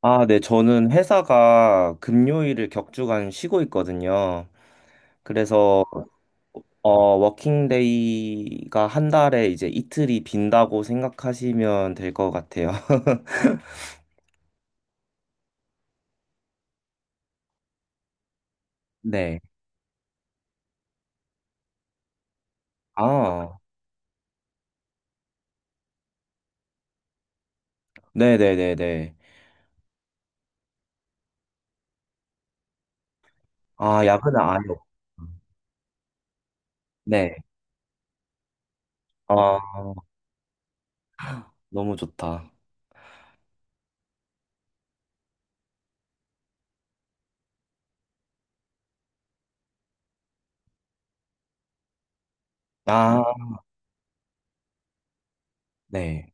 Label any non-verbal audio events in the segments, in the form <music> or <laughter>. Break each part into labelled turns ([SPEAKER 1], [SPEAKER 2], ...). [SPEAKER 1] 아, 네. 저는 회사가 금요일을 격주간 쉬고 있거든요. 그래서 어, 워킹데이가 한 달에 이제 이틀이 빈다고 생각하시면 될 것 같아요. <laughs> 네. 아, 네네네네. 아, 야근은 아예 없 네. 아, 너무 좋다. 아, 네.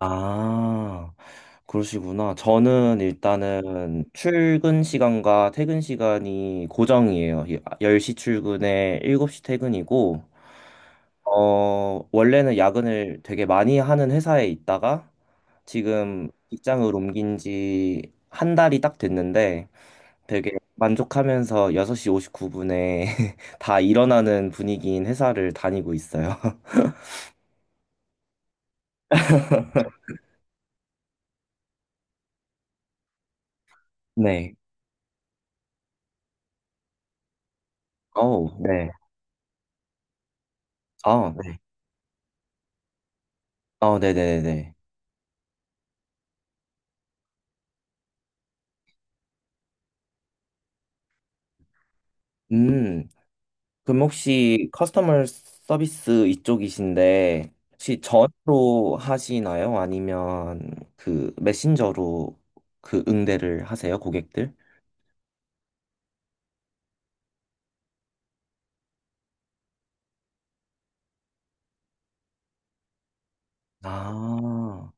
[SPEAKER 1] 아, 그러시구나. 저는 일단은 출근 시간과 퇴근 시간이 고정이에요. 10시 출근에 7시 퇴근이고, 원래는 야근을 되게 많이 하는 회사에 있다가 지금 직장을 옮긴 지 한 달이 딱 됐는데 되게 만족하면서 6시 59분에 <laughs> 다 일어나는 분위기인 회사를 다니고 있어요. <laughs> 네. 어우, 네. 아, 네. 어, 네네네. 음. 그럼 혹시 커스터머 서비스 이쪽이신데 혹시 전화로 하시나요? 아니면 그 메신저로 그 응대를 하세요, 고객들? 아,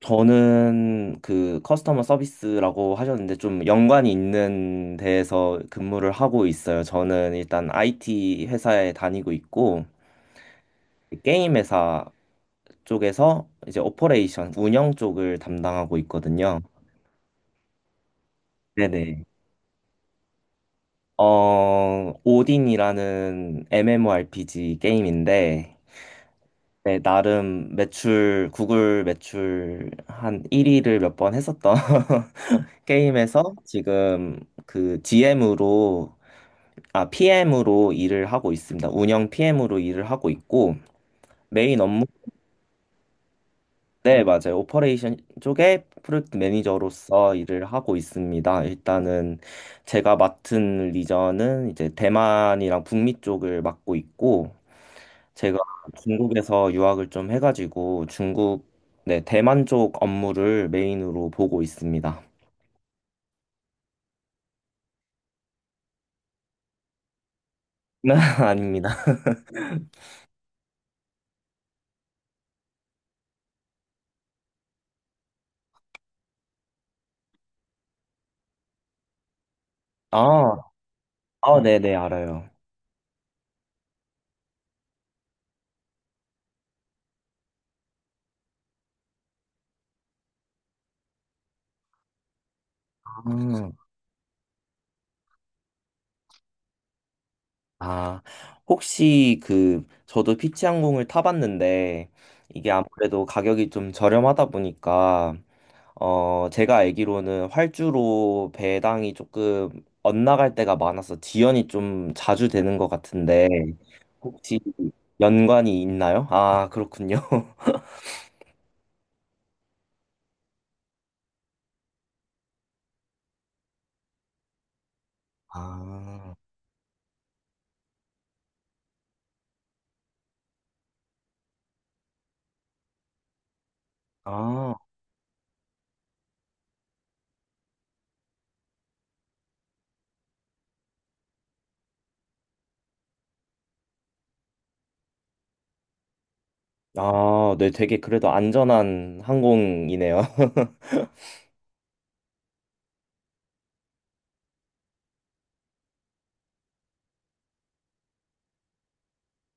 [SPEAKER 1] 저는 그 커스터머 서비스라고 하셨는데 좀 연관이 있는 데에서 근무를 하고 있어요. 저는 일단 IT 회사에 다니고 있고 게임 회사 쪽에서 이제 오퍼레이션 운영 쪽을 담당하고 있거든요. 네네. 오딘이라는 MMORPG 게임인데, 네, 나름 매출, 구글 매출 한 1위를 몇 번 했었던 <laughs> 게임에서 지금 그 GM으로, 아, PM으로 일을 하고 있습니다. 운영 PM으로 일을 하고 있고, 메인 업무 네, 맞아요. 오퍼레이션 쪽에 프로젝트 매니저로서 일을 하고 있습니다. 일단은 제가 맡은 리전은 이제 대만이랑 북미 쪽을 맡고 있고, 제가 중국에서 유학을 좀 해가지고 중국, 네, 대만 쪽 업무를 메인으로 보고 있습니다. <laughs> 아닙니다. 아, 아, 네네, 알아요. 아, 아, 혹시 그, 저도 피치항공을 타봤는데, 이게 아무래도 가격이 좀 저렴하다 보니까, 제가 알기로는 활주로 배당이 조금 엇나갈 때가 많아서 지연이 좀 자주 되는 것 같은데, 혹시 연관이 있나요? 아, 그렇군요. <laughs> 아, 아, 아, 네, 되게 그래도 안전한 항공이네요. <laughs>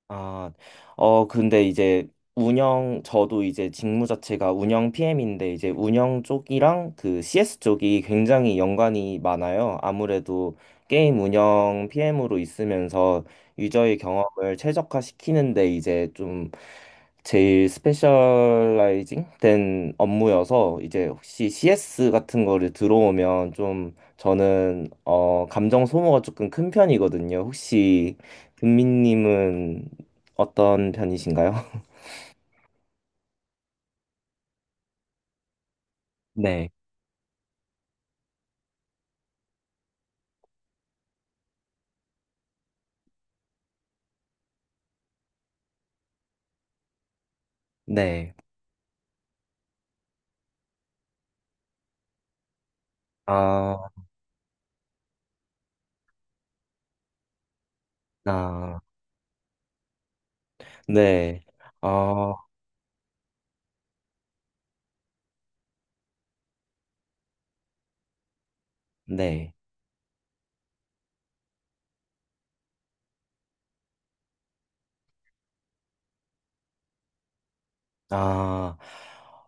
[SPEAKER 1] 아, 근데 이제 운영, 저도 이제 직무 자체가 운영 PM인데 이제 운영 쪽이랑 그 CS 쪽이 굉장히 연관이 많아요. 아무래도 게임 운영 PM으로 있으면서 유저의 경험을 최적화시키는데 이제 좀 제일 스페셜라이징 된 업무여서 이제 혹시 CS 같은 거를 들어오면 좀 저는 감정 소모가 조금 큰 편이거든요. 혹시 금민님은 어떤 편이신가요? <laughs> 네. 네. 아, 아, 네. 아, 네. 아,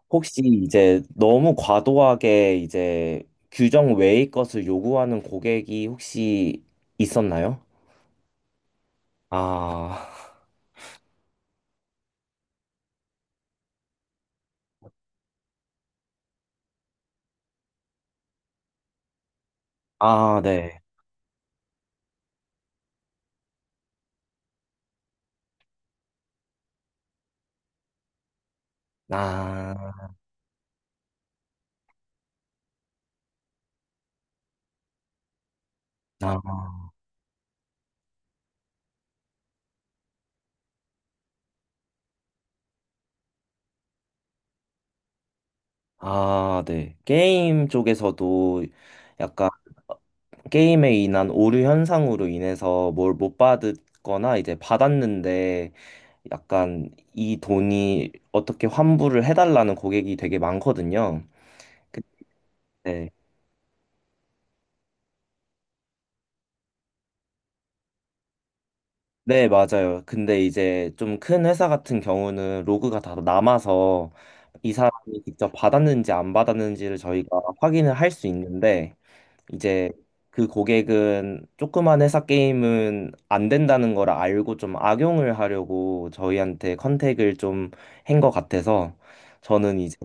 [SPEAKER 1] 혹시 이제 너무 과도하게 이제 규정 외의 것을 요구하는 고객이 혹시 있었나요? 아, 아, 네. 아, 아, 아, 네. 게임 쪽에서도 약간 게임에 인한 오류 현상으로 인해서 뭘 못 받았거나 이제 받았는데 약간 이 돈이 어떻게 환불을 해달라는 고객이 되게 많거든요. 네. 네, 맞아요. 근데 이제 좀 큰 회사 같은 경우는 로그가 다 남아서 이 사람이 직접 받았는지 안 받았는지를 저희가 확인을 할 수 있는데 이제 그 고객은 조그만 회사 게임은 안 된다는 걸 알고 좀 악용을 하려고 저희한테 컨택을 좀 한 것 같아서 저는 이제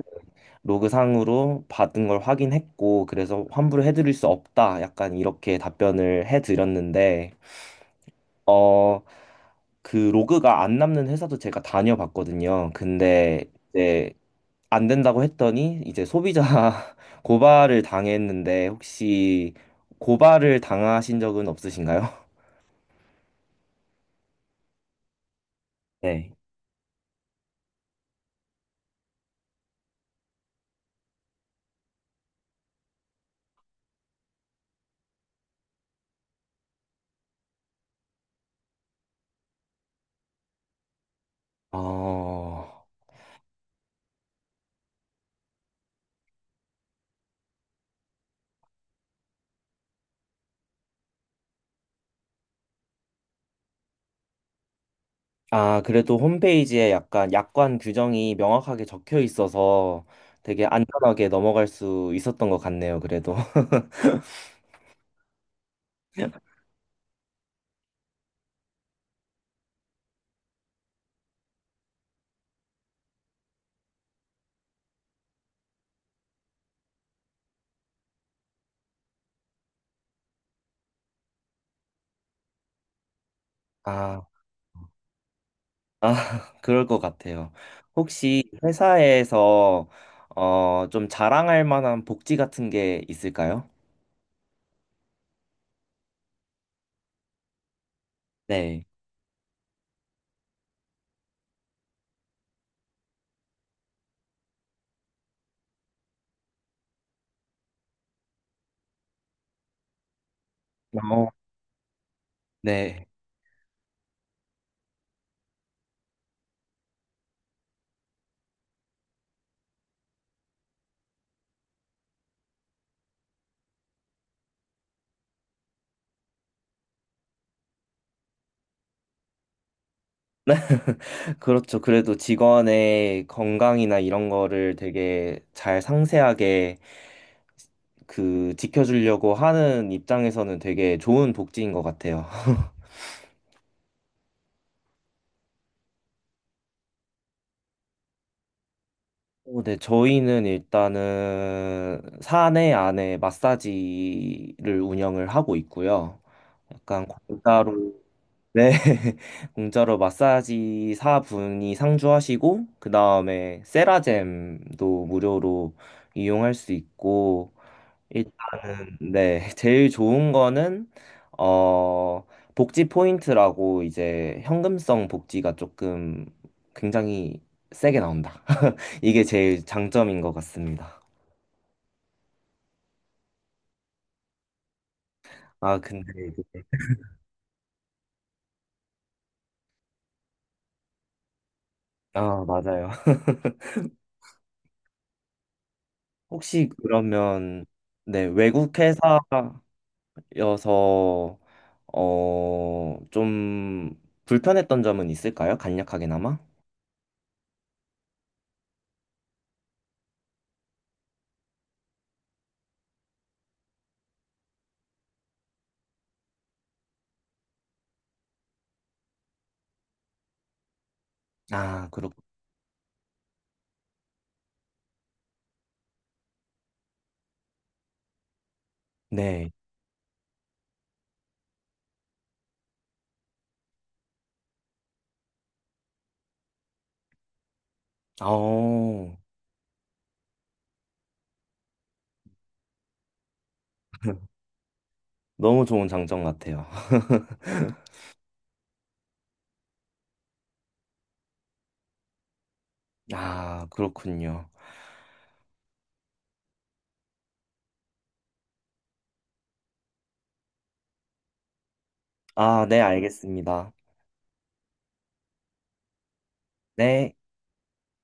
[SPEAKER 1] 로그상으로 받은 걸 확인했고, 그래서 환불을 해드릴 수 없다. 약간 이렇게 답변을 해드렸는데, 어, 그 로그가 안 남는 회사도 제가 다녀봤거든요. 근데 이제 안 된다고 했더니 이제 소비자 <laughs> 고발을 당했는데, 혹시 고발을 당하신 적은 없으신가요? <laughs> 네. 어, 아, 그래도 홈페이지에 약간 약관 규정이 명확하게 적혀 있어서 되게 안전하게 넘어갈 수 있었던 것 같네요, 그래도. <laughs> 아, 아, <laughs> 그럴 것 같아요. 혹시 회사에서 좀 자랑할 만한 복지 같은 게 있을까요? 네. 어, 네. <laughs> 그렇죠. 그래도 직원의 건강이나 이런 거를 되게 잘 상세하게 그 지켜주려고 하는 입장에서는 되게 좋은 복지인 것 같아요. <laughs> 네, 저희는 일단은 사내 안에 마사지를 운영을 하고 있고요. 약간 공짜로, 네, <laughs> 공짜로 마사지 사분이 상주하시고, 그 다음에 세라젬도 무료로 이용할 수 있고, 일단은, 네, <laughs> 제일 좋은 거는, 어, 복지 포인트라고 이제 현금성 복지가 조금 굉장히 세게 나온다. 이게 제일 장점인 것 같습니다. 아, 근데, 이게- 아, 맞아요. <laughs> 혹시 그러면, 네, 외국 회사여서, 좀 불편했던 점은 있을까요? 간략하게나마? 아, 그렇, 네. 어, <laughs> 너무 좋은 장점 같아요. <laughs> 아, 그렇군요. 아, 네, 알겠습니다. 네.